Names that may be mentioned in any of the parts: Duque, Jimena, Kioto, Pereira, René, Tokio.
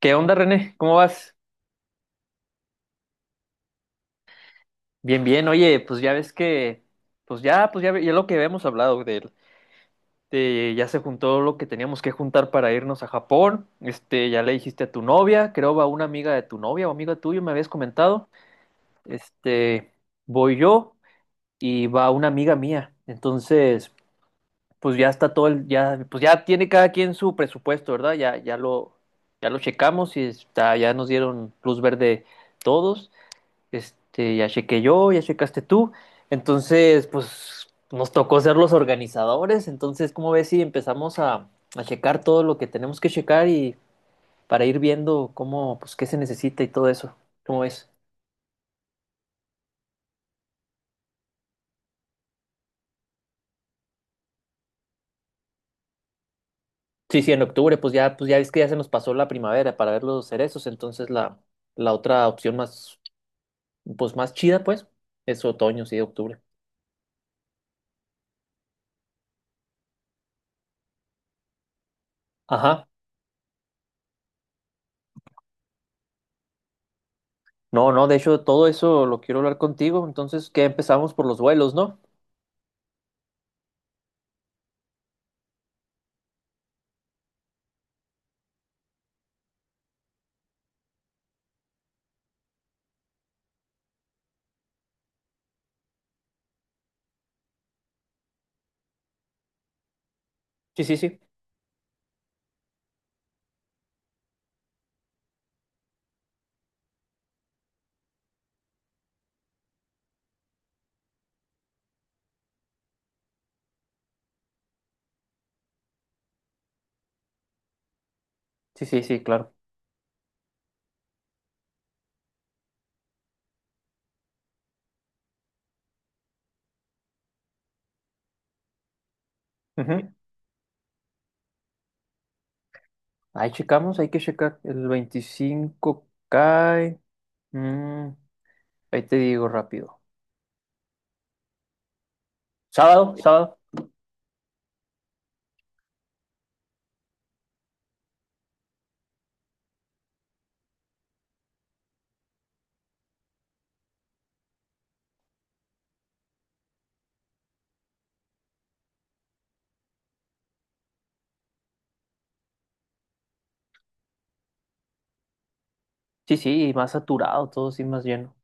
¿Qué onda, René? ¿Cómo vas? Bien, bien. Oye, pues ya ves que, pues ya, ve- ya lo que habíamos hablado de, ya se juntó lo que teníamos que juntar para irnos a Japón. Este, ya le dijiste a tu novia, creo a una amiga de tu novia o amiga tuya, me habías comentado. Este, voy yo y va una amiga mía. Entonces, pues ya está todo el, ya, pues ya tiene cada quien su presupuesto, ¿verdad? Ya lo checamos y está, ya nos dieron luz verde todos. Este, ya chequé yo, ya checaste tú. Entonces, pues nos tocó ser los organizadores. Entonces, ¿cómo ves si a checar todo lo que tenemos que checar y para ir viendo cómo, pues qué se necesita y todo eso? ¿Cómo ves? Sí, sí, en octubre, pues ya ves que ya se nos pasó la primavera para ver los cerezos. Entonces, la otra opción más, pues más chida, pues, es otoño, sí, octubre. Ajá. No, no, de hecho, todo eso lo quiero hablar contigo. Entonces, ¿qué empezamos por los vuelos, no? Sí, sí, sí. Sí, sí, sí, claro. Ujú. Ahí checamos, hay que checar. El 25 cae. mm, Ahí te digo rápido. Sábado, sábado. Sí, sí, y más saturado, todo sí, más lleno.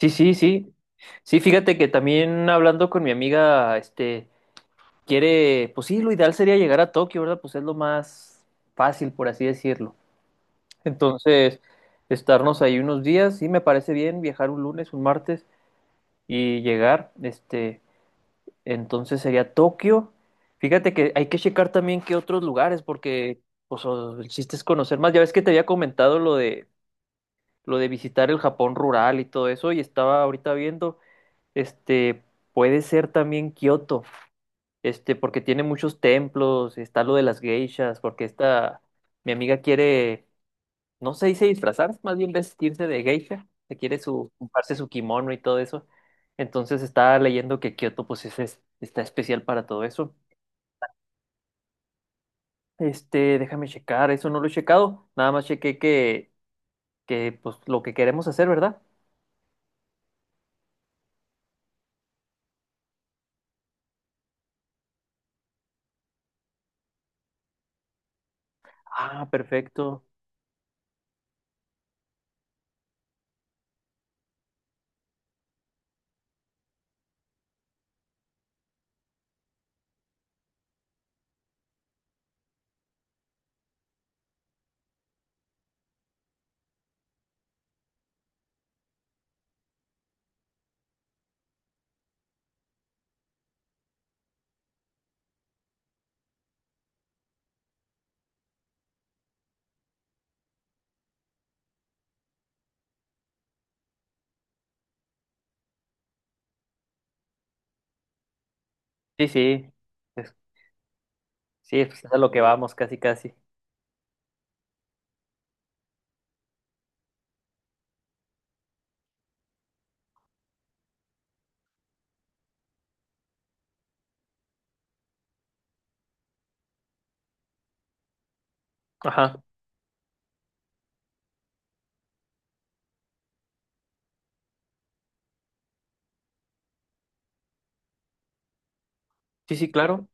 Sí, sí, sí. Sí, fíjate que también hablando con mi amiga, este, quiere, pues sí, lo ideal sería llegar a Tokio, ¿verdad? Pues es lo más fácil, por así decirlo. Entonces, estarnos ahí unos días, sí, me parece bien viajar un lunes, un martes y llegar, este. Entonces sería Tokio. Fíjate que hay que checar también qué otros lugares, porque pues, o- el chiste es conocer más. Ya ves que te había comentado lo de visitar el Japón rural y todo eso, y estaba ahorita viendo, este, puede ser también Kioto, este, porque tiene muchos templos, está lo de las geishas, porque esta, mi amiga quiere, no se dice disfrazar, más bien vestirse de geisha, se quiere su, comprarse su kimono y todo eso. Entonces estaba leyendo que Kioto, pues, es- está especial para todo eso. Este, déjame checar, eso no lo he checado. Nada más chequé que pues lo que queremos hacer, ¿verdad? Ah, perfecto. Sí, sí. Es- sí, pues, es a lo que vamos, casi, casi. Ajá. Sí, sí, claro.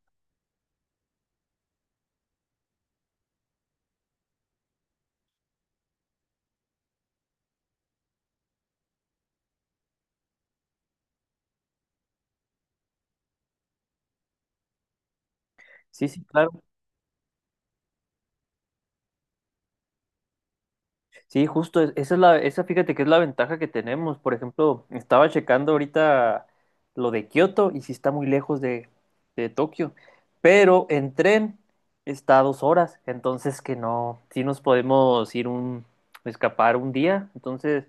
Sí, sí, claro. Sí, justo, es- esa es la, esa fíjate que es la ventaja que tenemos. Por ejemplo, estaba checando ahorita lo de Kioto y sí está muy lejos de Tokio, pero en tren está a dos horas, entonces que no, sí nos podemos ir un, escapar un día. Entonces,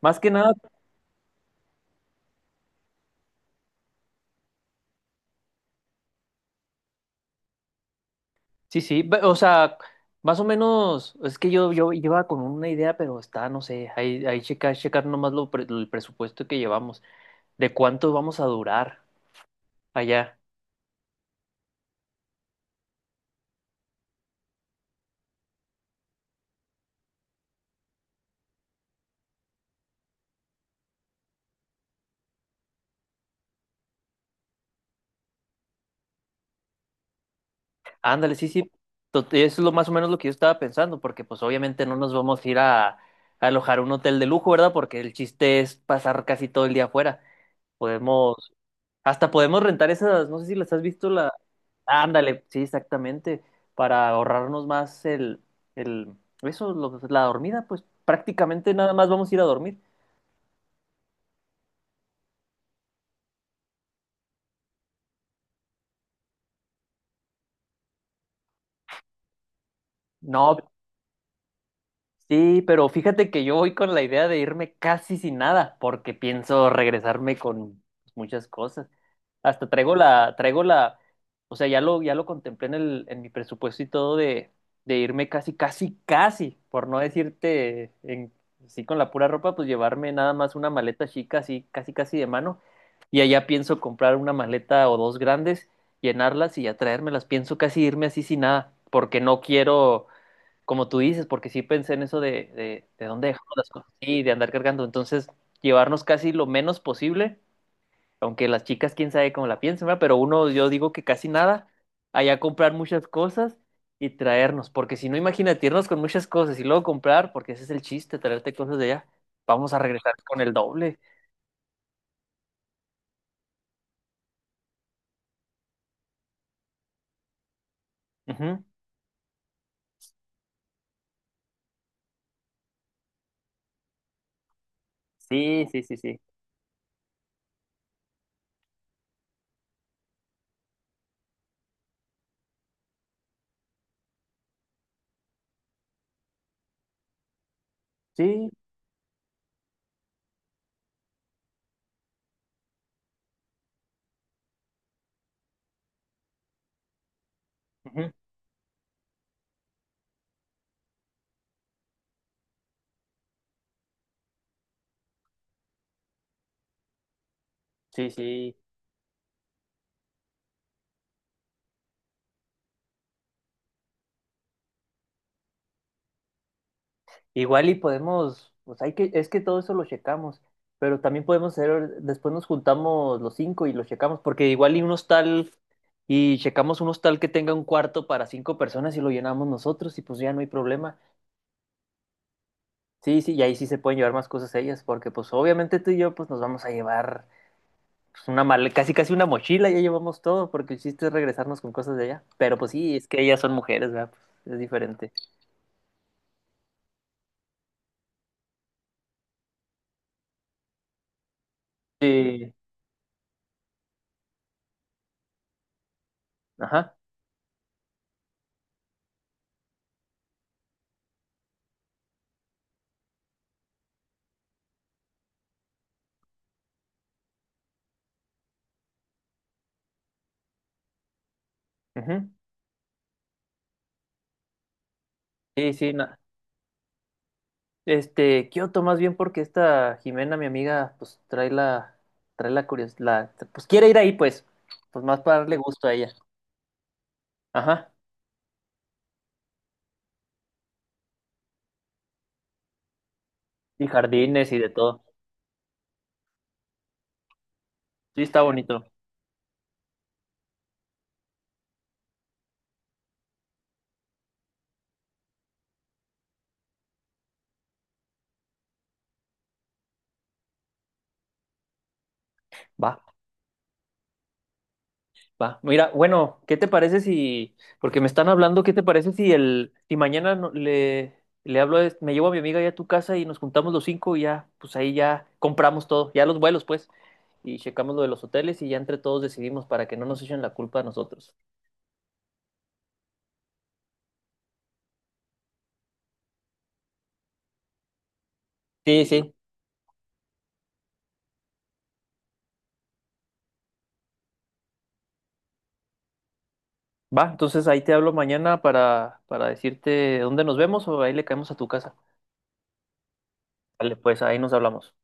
más que nada, sí, sí, ve- o sea, más o menos, es que yo iba con una idea, pero está, no sé, ahí, ahí checar, checar nomás lo, pre- el presupuesto que llevamos, de cuánto vamos a durar allá. Ándale, sí, sí, to- eso es lo más o menos lo que yo estaba pensando, porque pues obviamente no nos vamos a ir a alojar un hotel de lujo, ¿verdad? Porque el chiste es pasar casi todo el día afuera. Podemos, hasta podemos rentar esas, no sé si las has visto la... Ándale, sí, exactamente, para ahorrarnos más el, eso, lo- la dormida, pues prácticamente nada más vamos a ir a dormir. No, sí, pero fíjate que yo voy con la idea de irme casi sin nada, porque pienso regresarme con muchas cosas. Hasta traigo la, o sea, ya lo contemplé en el, en mi presupuesto y todo de irme casi, casi, casi, por no decirte en, sí con la pura ropa, pues llevarme nada más una maleta chica, así, casi, casi de mano. Y allá pienso comprar una maleta o dos grandes, llenarlas y ya traérmelas. Pienso casi irme así sin nada, porque no quiero, como tú dices, porque sí pensé en eso de dónde dejamos las cosas y de andar cargando. Entonces, llevarnos casi lo menos posible, aunque las chicas, quién sabe cómo la piensan, ¿verdad? Pero uno, yo digo que casi nada, allá comprar muchas cosas y traernos, porque si no, imagínate irnos con muchas cosas y luego comprar, porque ese es el chiste, traerte cosas de allá. Vamos a regresar con el doble. Ujú. Sí, sí, sí, sí. Sí, ujú. Sí, sí. Igual y podemos, pues hay que, es que todo eso lo checamos, pero también podemos hacer, después nos juntamos los cinco y lo checamos, porque igual y un hostal, y checamos un hostal que tenga un cuarto para cinco personas y lo llenamos nosotros, y pues ya no hay problema. Sí, sí, y ahí sí se pueden llevar más cosas ellas, porque pues obviamente tú y yo pues nos vamos a llevar pues, una mal, casi casi una mochila, ya llevamos todo, porque el chiste es regresarnos con cosas de allá. Pero pues sí, es que ellas son mujeres, ¿verdad? Pues, es diferente. Sí, ajá. Ujú. Sí, sí, no. Este, Kioto, más bien porque esta Jimena, mi amiga, pues trae la curiosidad, pues quiere ir ahí, pues, pues más para darle gusto a ella. Ajá, y jardines y de todo. Sí, está bonito. Va, va. Mira, bueno, ¿qué te parece si, porque me están hablando, ¿qué te parece si el, si mañana no- le hablo, a- este, me llevo a mi amiga ya a tu casa y nos juntamos los cinco y ya, pues ahí ya compramos todo, ya los vuelos, pues, y checamos lo de los hoteles y ya entre todos decidimos para que no nos echen la culpa a nosotros. Sí, sí. Va, entonces ahí te hablo mañana para decirte dónde nos vemos o ahí le caemos a tu casa. Vale, pues ahí nos hablamos.